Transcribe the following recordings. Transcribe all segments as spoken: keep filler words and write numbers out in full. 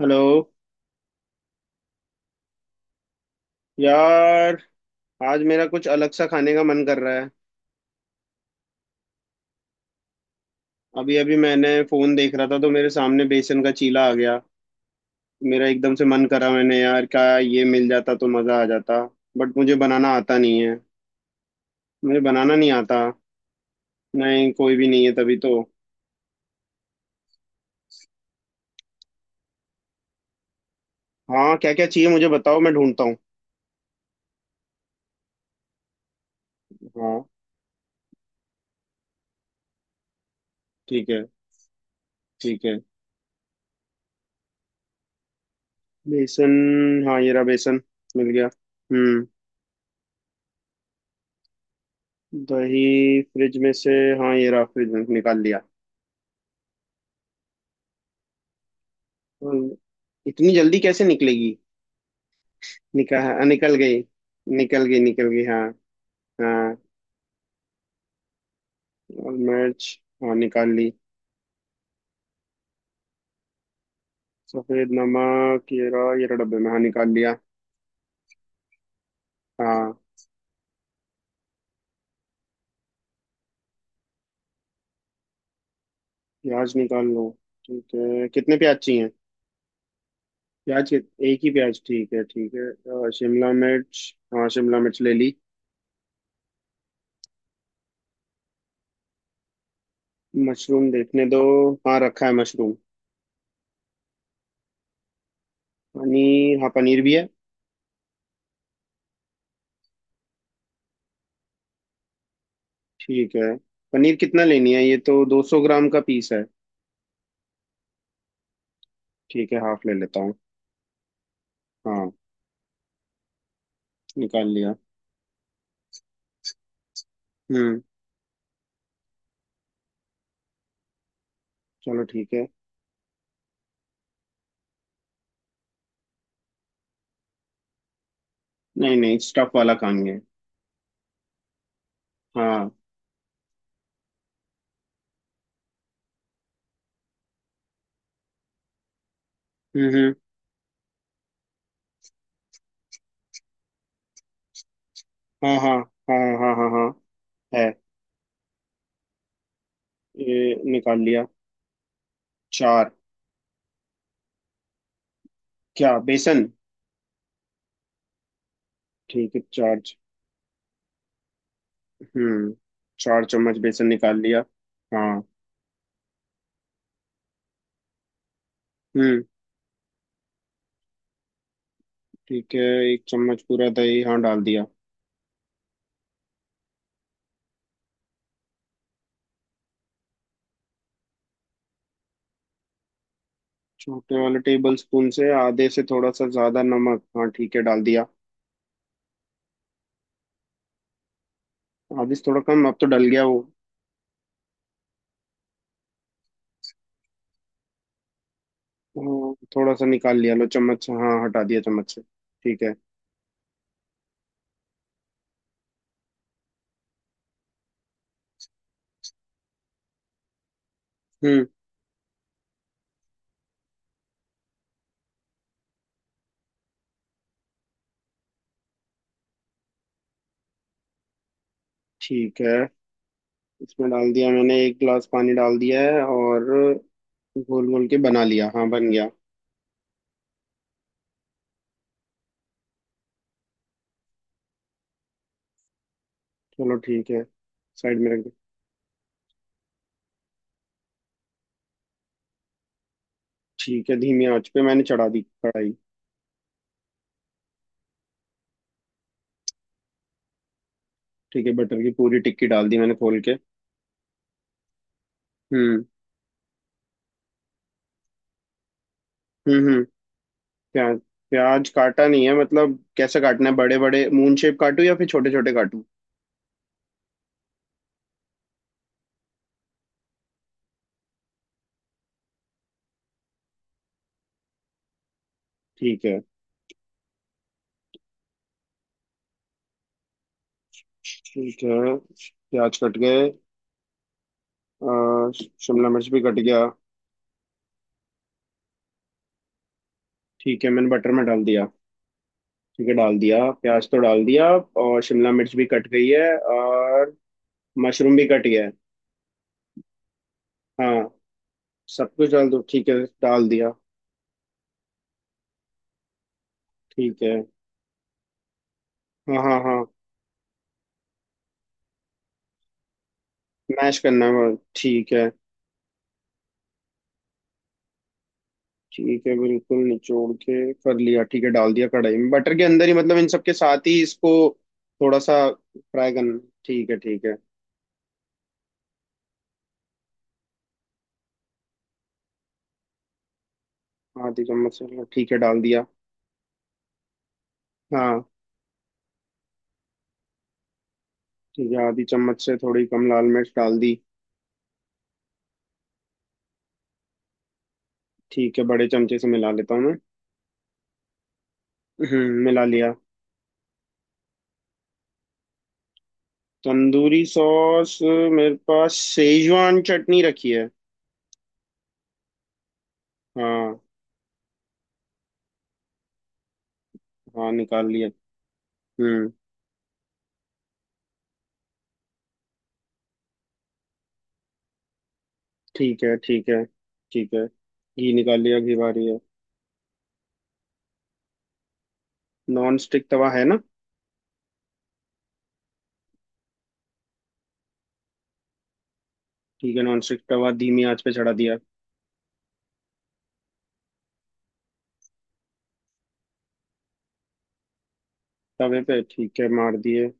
Hello यार। आज मेरा कुछ अलग सा खाने का मन कर रहा है। अभी अभी मैंने फोन देख रहा था तो मेरे सामने बेसन का चीला आ गया। मेरा एकदम से मन करा, मैंने, यार क्या ये मिल जाता तो मज़ा आ जाता। बट मुझे बनाना आता नहीं है। मुझे बनाना नहीं आता। नहीं कोई भी नहीं है, तभी तो। हाँ, क्या क्या चाहिए मुझे बताओ, मैं ढूंढता हूँ। हाँ। ठीक है, ठीक है। बेसन? हाँ, ये रहा बेसन, मिल गया। हम्म। दही फ्रिज में से? हाँ, ये रहा, फ्रिज में से निकाल लिया। हम्म, इतनी जल्दी कैसे निकलेगी। निकाह निकल गई, निकल गई निकल गई, हाँ। हाँ। और मिर्च? हाँ, निकाल ली। सफेद नमक? येरा येरा डब्बे में, हाँ, निकाल लिया। हाँ। प्याज निकाल लो? ठीक है, कितने प्याज चाहिए? प्याज कित- एक ही प्याज, ठीक है ठीक है। अ, शिमला मिर्च, हाँ शिमला मिर्च ले ली। मशरूम देखने दो। हाँ, रखा है मशरूम। पनीर? हाँ, पनीर भी है। ठीक है। पनीर कितना लेनी है, ये तो दो सौ ग्राम का पीस है। ठीक है, हाफ ले लेता हूँ। हाँ, निकाल लिया। हम्म। चलो, ठीक है। नहीं नहीं, स्टफ वाला काम है। हाँ। हम्म हम्म। हाँ हाँ हाँ हाँ। हाँ हाँ। है। ये निकाल लिया। चार? क्या, बेसन? ठीक है। चार च- हम्म, चार चम्मच बेसन निकाल लिया। हाँ। हम्म। ठीक है, एक चम्मच पूरा दही, हाँ डाल दिया। छोटे वाले टेबल स्पून से आधे से थोड़ा सा ज्यादा नमक, हाँ ठीक है डाल दिया। आधे से थोड़ा कम, अब तो डल गया वो। हाँ, थोड़ा सा निकाल लिया, लो चम्मच से, हाँ हटा दिया चम्मच से। ठीक है। हम्म। ठीक है। इसमें डाल दिया मैंने, एक गिलास पानी डाल दिया है, और घोल घोल के बना लिया, हाँ बन गया। चलो, ठीक है। साइड में रख दे। ठीक है, धीमी आंच पे मैंने चढ़ा दी कढ़ाई। ठीक है, बटर की पूरी टिक्की डाल दी मैंने खोल के। हम्म हम्म। हम्म। प्याज। प्याज काटा नहीं है, मतलब कैसे काटना है, बड़े बड़े मून शेप काटूं या फिर छोटे छोटे काटूं? ठीक है। ठीक है, प्याज कट गए। अ, शिमला मिर्च भी कट गया। ठीक है, मैंने बटर में डाल दिया। ठीक है, डाल दिया, प्याज तो डाल दिया। और शिमला मिर्च भी कट गई है। और मशरूम भी कट गया है। हाँ। सब कुछ डाल दो, ठीक है। डाल दिया। ठीक है। हाँ हाँ हाँ। मैश करना है, ठीक है। ठीक है, बिल्कुल निचोड़ के कर लिया, ठीक है डाल दिया कढ़ाई में बटर के अंदर ही, मतलब इन सब के साथ ही इसको। थोड़ा सा। फ्राई करना? ठीक है, ठीक है। आधी चम्मच से? ठीक है डाल दिया। हाँ। ठीक है, आधी चम्मच से थोड़ी कम लाल मिर्च डाल दी। ठीक है, बड़े चमचे से मिला लेता हूँ मैं। हम्म, मिला लिया। तंदूरी सॉस? मेरे पास सेजवान चटनी रखी है। हाँ। हाँ, निकाल लिया। हम्म। ठीक है, ठीक है। ठीक है, घी निकाल लिया, घी बारी है। नॉन स्टिक तवा है ना। ठीक है, नॉन स्टिक तवा धीमी आंच पे चढ़ा दिया। तवे पे, ठीक है मार दिए।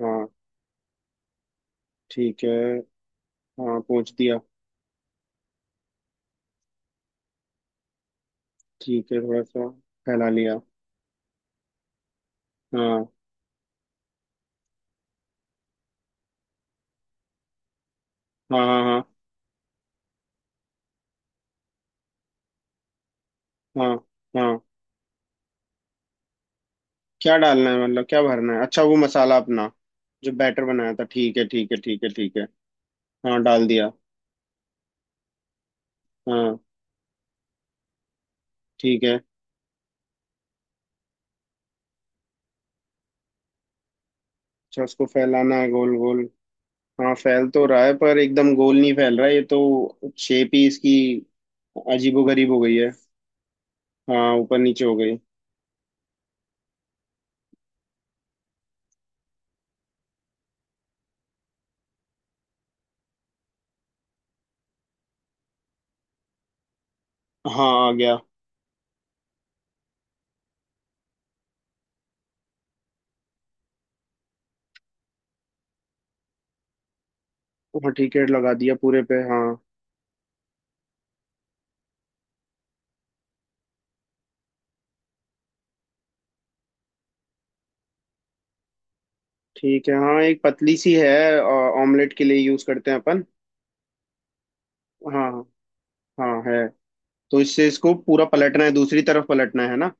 हाँ। ठीक है। हाँ, पोंछ दिया। ठीक है, थोड़ा सा फैला लिया। हाँ हाँ हाँ। हाँ हाँ हाँ। क्या डालना है, मतलब क्या भरना है? अच्छा, वो मसाला अपना, जो बैटर बनाया था, ठीक है ठीक है ठीक है ठीक है। हाँ, डाल दिया। हाँ। ठीक है। अच्छा, उसको फैलाना है गोल गोल। हाँ, फैल तो रहा है पर एकदम गोल नहीं फैल रहा है, ये तो शेप ही इसकी अजीबोगरीब हो गई है। हाँ, ऊपर नीचे हो गई। हाँ, आ गया। हाँ ठीक है, लगा दिया पूरे पे, हाँ। ठीक है। हाँ, एक पतली सी है, ऑमलेट के लिए यूज करते हैं अपन। हाँ हाँ। है। तो इससे इसको पूरा पलटना है, दूसरी तरफ पलटना है ना।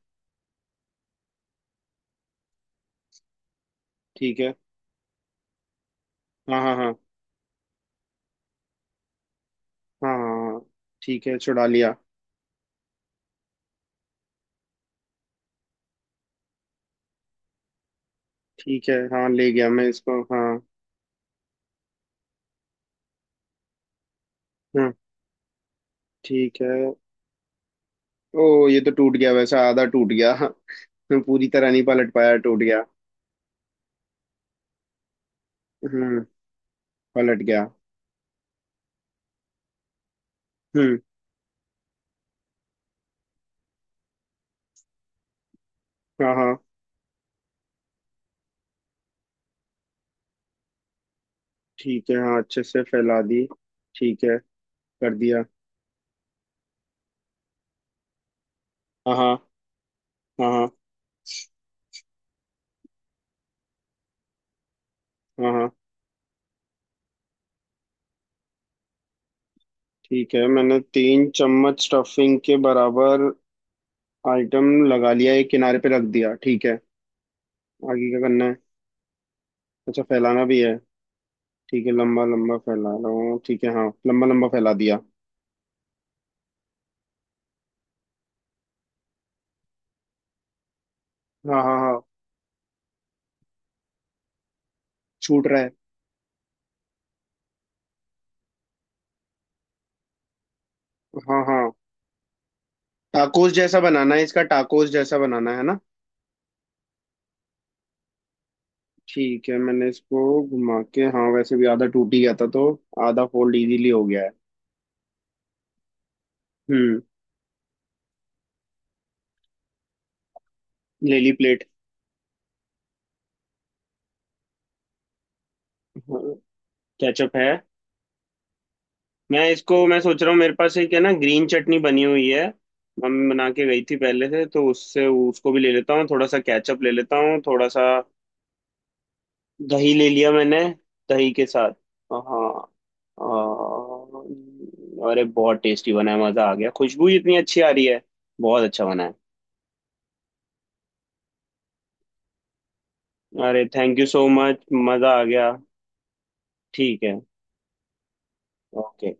ठीक है। हाँ हाँ हाँ। हाँ हाँ हाँ, ठीक है छुड़ा लिया। ठीक है, हाँ ले गया मैं इसको, हाँ। हाँ। ठीक है। ओ, ये तो टूट गया, वैसा आधा टूट गया। मैं पूरी तरह नहीं पलट पाया, टूट गया। हम्म। पलट गया। हम्म। हाँ हाँ। ठीक है, हाँ अच्छे से फैला दी। ठीक है, कर दिया। हाँ हाँ हाँ। हाँ हाँ हाँ, ठीक है। मैंने तीन चम्मच स्टफिंग के बराबर आइटम लगा लिया, एक किनारे पे रख दिया, ठीक है। आगे क्या करना है? अच्छा, फैलाना भी है। ठीक है, लंबा लंबा फैला रहा हूँ, ठीक है हाँ लंबा लंबा फैला दिया। हाँ हाँ हाँ। छूट रहा है। हाँ हाँ, टाकोस जैसा बनाना है इसका, टाकोस जैसा बनाना है ना। ठीक है, मैंने इसको घुमा के, हाँ वैसे भी आधा टूट ही गया था, तो आधा फोल्ड इजीली हो गया है। हम्म। ले ली प्लेट। केचप है। मैं इसको मैं सोच रहा हूँ, मेरे पास एक है ना, ग्रीन चटनी बनी हुई है, मम्मी बना के गई थी पहले से, तो उससे, उसको भी ले लेता हूँ, थोड़ा सा केचप ले लेता हूँ थोड़ा सा। दही ले लिया मैंने। दही के साथ, हाँ। अ, अरे बहुत टेस्टी बना है, मज़ा आ गया, खुशबू ही इतनी अच्छी आ रही है। बहुत अच्छा बना है। अरे थैंक यू सो मच, मज़ा आ गया। ठीक है। ओके।